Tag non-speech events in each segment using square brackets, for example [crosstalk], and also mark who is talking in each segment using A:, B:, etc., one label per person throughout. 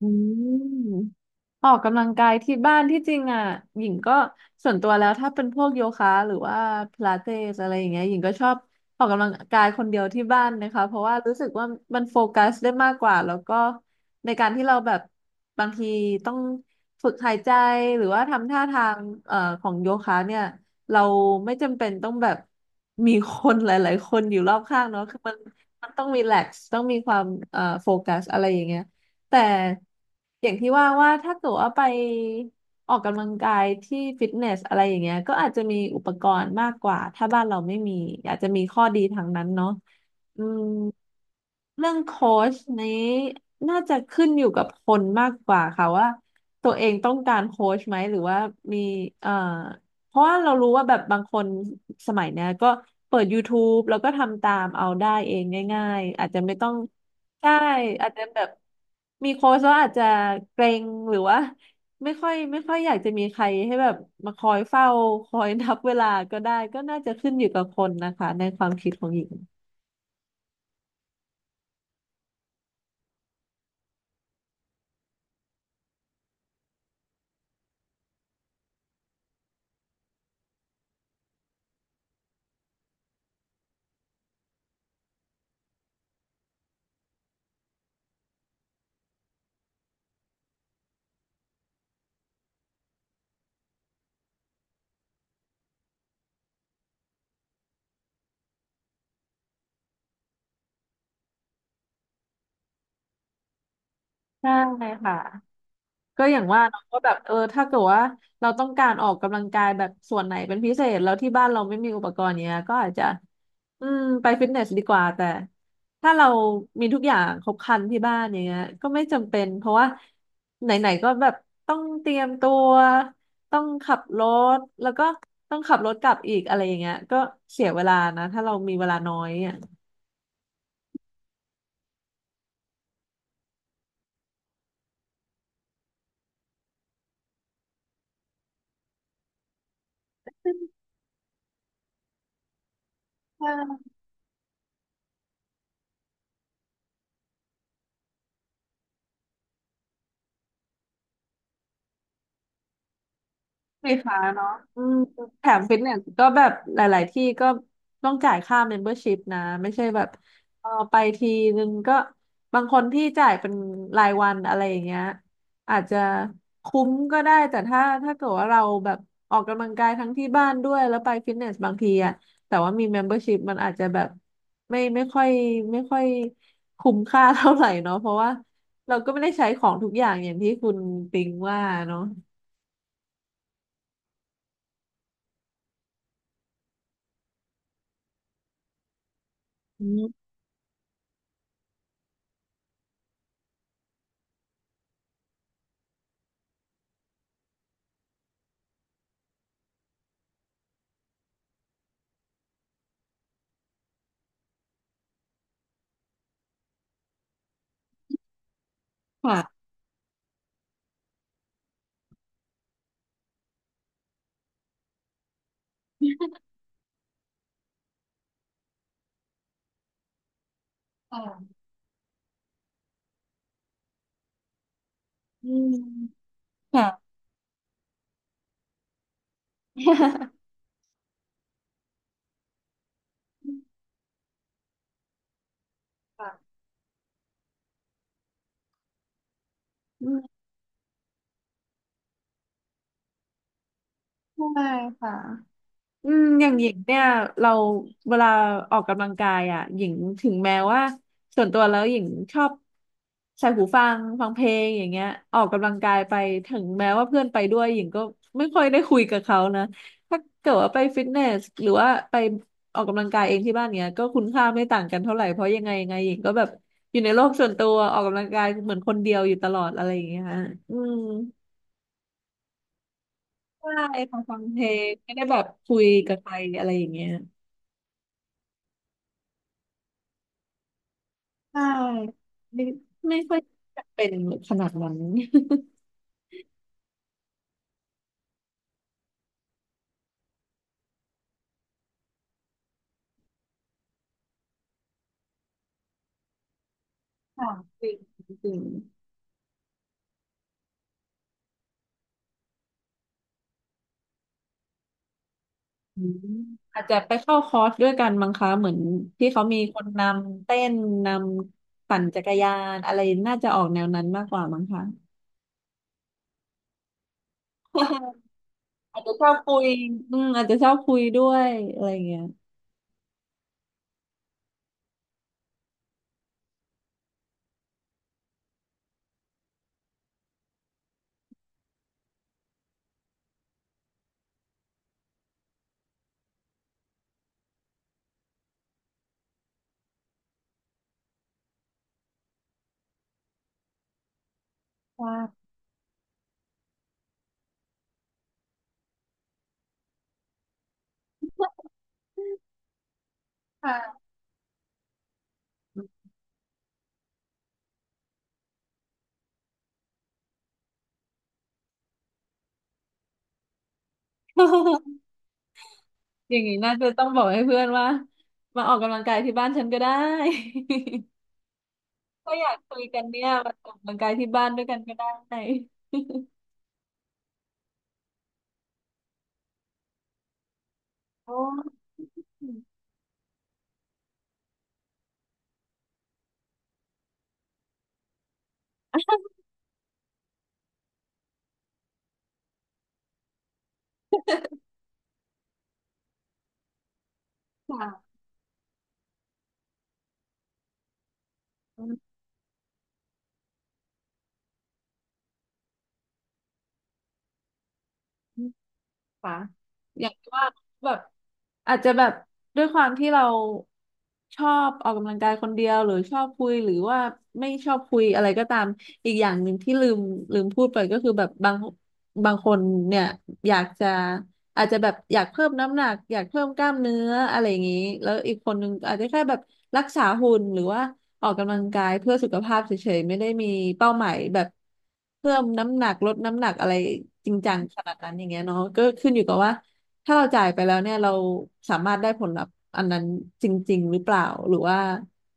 A: อืมออกกำลังกายที่บ้านที่จริงอ่ะหญิงก็ส่วนตัวแล้วถ้าเป็นพวกโยคะหรือว่าพิลาเตสอะไรอย่างเงี้ยหญิงก็ชอบออกกำลังกายคนเดียวที่บ้านนะคะเพราะว่ารู้สึกว่ามันโฟกัสได้มากกว่าแล้วก็ในการที่เราแบบบางทีต้องฝึกหายใจหรือว่าทำท่าทางเอ่อของโยคะเนี่ยเราไม่จำเป็นต้องแบบมีคนหลายๆคนอยู่รอบข้างเนาะคือมันต้องรีแลกซ์ต้องมีความโฟกัสอะไรอย่างเงี้ย แต่อย่างที่ว่าว่าถ้าเกิดว่าไปออกกำลังกายที่ฟิตเนสอะไรอย่างเงี้ยก็อาจจะมีอุปกรณ์มากกว่าถ้าบ้านเราไม่มีอาจจะมีข้อดีทางนั้นเนาะอืมเรื่องโค้ชนี้น่าจะขึ้นอยู่กับคนมากกว่าค่ะว่าตัวเองต้องการโค้ชไหมหรือว่ามีเอ่อ เพราะว่าเรารู้ว่าแบบบางคนสมัยเนี้ยก็เปิด YouTube แล้วก็ทำตามเอาได้เองง่ายๆอาจจะไม่ต้องใช่อาจจะแบบมีโค้ชแล้วอาจจะเกรงหรือว่าไม่ค่อยอยากจะมีใครให้แบบมาคอยเฝ้าคอยนับเวลาก็ได้ก็น่าจะขึ้นอยู่กับคนนะคะในความคิดของหญิงใช่ค่ะ ก็อย่างว่าเราก็แบบเออถ้าเกิดว่าเราต้องการออกกำลังกายแบบส่วนไหนเป็นพิเศษแล้วที่บ้านเราไม่มีอุปกรณ์เนี้ยก็อาจจะอืมไปฟิตเนสดีกว่าแต่ถ้าเรามีทุกอย่างครบครันที่บ้านอย่างเงี้ยก็ไม่จำเป็นเพราะว่าไหนๆก็แบบต้องเตรียมตัวต้องขับรถแล้วก็ต้องขับรถกลับอีกอะไรอย่างเงี้ยก็เสียเวลานะถ้าเรามีเวลาน้อยอ่ะใช่ สีฟ้าเนาะอืมแถมฟิตเนสก็แบบหลายๆที่ก็ต้องจ่ายค่าเมมเบอร์ชิพนะไม่ใช่แบบเออไปทีนึงก็บางคนที่จ่ายเป็นรายวันอะไรอย่างเงี้ยอาจจะคุ้มก็ได้แต่ถ้าเกิดว่าเราแบบออกกำลังกายทั้งที่บ้านด้วยแล้วไปฟิตเนสบางทีอะแต่ว่ามี membership มมเบอร์ชิพมันอาจจะแบบไม่ไม่ค่อยไม่ค่อยคุ้มค่าเท่าไหร่เนาะเพราะว่าเราก็ไม่ได้ใช้ของทุกอย่างอย่างที่คุณปิงว่าเนาะอืม ค่ะค่ะอืมใช่ค่ะอืมอย่างหญิงเนี่ยเราเวลาออกกำลังกายอ่ะหญิงถึงแม้ว่าส่วนตัวแล้วหญิงชอบใส่หูฟังฟังเพลงอย่างเงี้ยออกกำลังกายไปถึงแม้ว่าเพื่อนไปด้วยหญิงก็ไม่ค่อยได้คุยกับเขานะถ้าเกิดว่าไปฟิตเนสหรือว่าไปออกกำลังกายเองที่บ้านเนี้ยก็คุณค่าไม่ต่างกันเท่าไหร่เพราะยังไงหญิงก็แบบอยู่ในโลกส่วนตัวออกกำลังกายเหมือนคนเดียวอยู่ตลอดอะไรอย่างเงี้ยฮะอืม ใช่พอฟังเพลงไม่ได้แบบคุยกับใครอะไรอย่างเงี้ยใช่ไม่ไม่ค่อยจะเป็นขนาดนั้นค่ะจริงจริงอืมอาจจะไปเข้าคอร์สด้วยกันมั้งคะเหมือนที่เขามีคนนำเต้นนำปั่นจักรยานอะไรน่าจะออกแนวนั้นมากกว่ามั้งคะ [laughs] อาจจะชอบคุยอืมอาจจะชอบคุยด้วยอะไรอย่างเงี้ยค่ะ [laughs] ค่ะ [laughs] อย่างนี้น่าจะต้องบอกให้เพื่อนว่ามาออกกำลังกายที่บ้านฉันก็ได้ [laughs] ถ้าอยากคุยกันเนี่ยมาออกกำลังกายที่บ้านด้วยกันก็ได้ [laughs] โอ้ค่ะ [laughs] อืมค่ะอย่างที่ว่าแบบ อาจจะแบบด้วยความที่เราชอบออกกำลังกายคนเดียวหรือชอบคุยหรือว่าไม่ชอบคุยอะไรก็ตามอีกอย่างหนึ่งที่ลืมพูดไปก็คือแบบบางคนเนี่ยอยากจะอาจจะแบบอยากเพิ่มน้ำหนักอยากเพิ่มกล้ามเนื้ออะไรอย่างนี้แล้วอีกคนหนึงอาจจะแค่แบบรักษาหุ่นหรือว่า ออกกำลังกายเพื่อสุขภาพเฉยๆไม่ได้มีเป้าหมายแบบเพิ่มน้ำหนักลดน้ำหนักอะไรจริงจังขนาดนั้นอย่างเงี้ยเนาะก็ขึ้นอยู่กับว่าถ้าเราจ่ายไปแล้วเนี่ยเราสามารถได้ผลลัพธ์อันนั้นจริงๆหรือเปล่าหรือว่า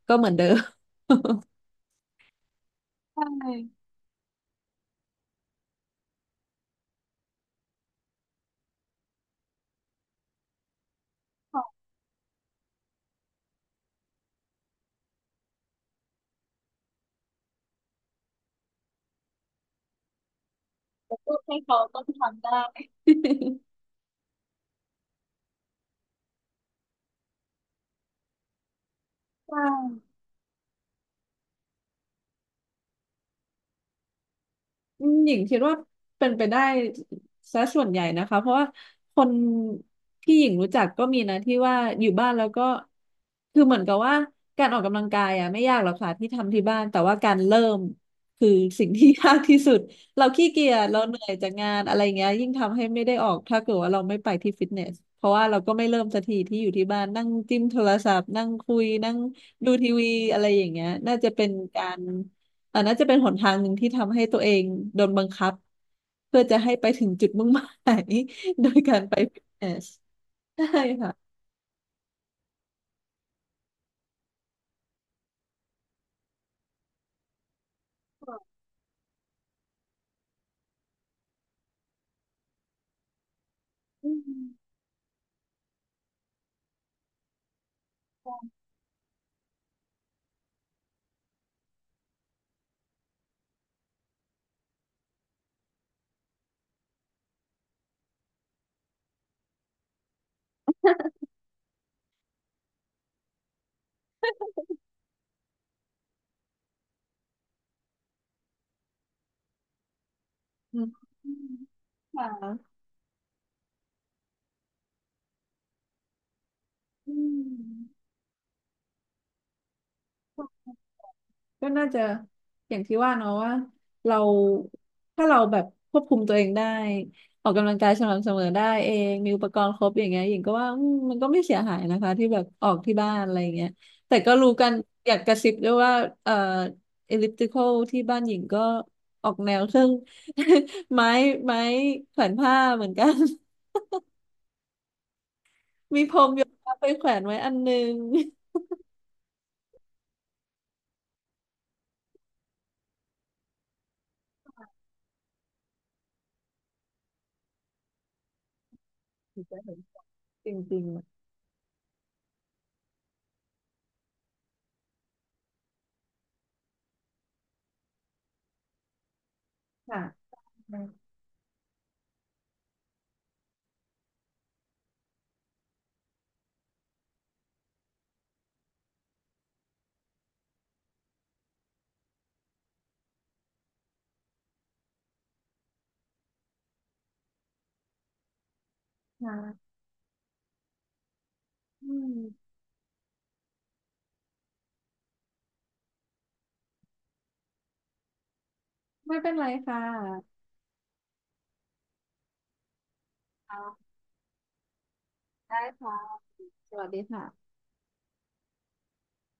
A: ก็เหมือนเดิมใช่ [laughs] อืมหญิงคิดว่าเป็นไปได้ซะส่วนใหญ่นะคะเพราะว่าคนที่หญิงรู้จักก็มีนะที่ว่าอยู่บ้านแล้วก็คือเหมือนกับว่าการออกกำลังกายอ่ะไม่ยากหรอกค่ะที่ทำที่บ้านแต่ว่าการเริ่มคือสิ่งที่ [laughs] ยากที่สุด [laughs] เราขี้เกียจเราเหนื่อยจากงานอะไรเงี้ยยิ่งทำให้ไม่ได้ออกถ้าเกิดว่าเราไม่ไปที่ฟิตเนสเพราะว่าเราก็ไม่เริ่มสักทีที่อยู่ที่บ้านนั่งจิ้มโทรศัพท์นั่งคุยนั่งดูทีวีอะไรอย่างเงี้ยน่าจะเป็นการ อันน่าจะเป็นหนทางหนึ่งที่ทำให้ตัวเองโดนบังคับเพื่อจะให้ไปถึงจุดมุ่งหมาย [laughs] โดยการไปฟิตเนสใช่ค่ะอืมอืมค่ะอืม ก็น่าจะอย่างที่ว่าเนาะว่าเราถ้าเราแบบควบคุมตัวเองได้ออกกำลังกายสม่ำเสมอได้เองมีอุปกรณ์ครบอย่างเงี้ยหญิงก็ว่าอืมมันก็ไม่เสียหายนะคะที่แบบออกที่บ้านอะไรอย่างเงี้ยแต่ก็รู้กันอยากกระซิบด้วยว่าเอ่อเอลิปติคอลที่บ้านหญิงก็ออกแนวเครื่อง [laughs] ไม้ไม้แขวนผ้าเหมือนกัน [laughs] มีพรมโยคะไปแขวนไว้อันนึงถึง [laughs] จะเห็นจริงๆค่ะค่ะอืม ไม่เป็นไรค่ะครับได้ค่ะ สวัสดีค่ะ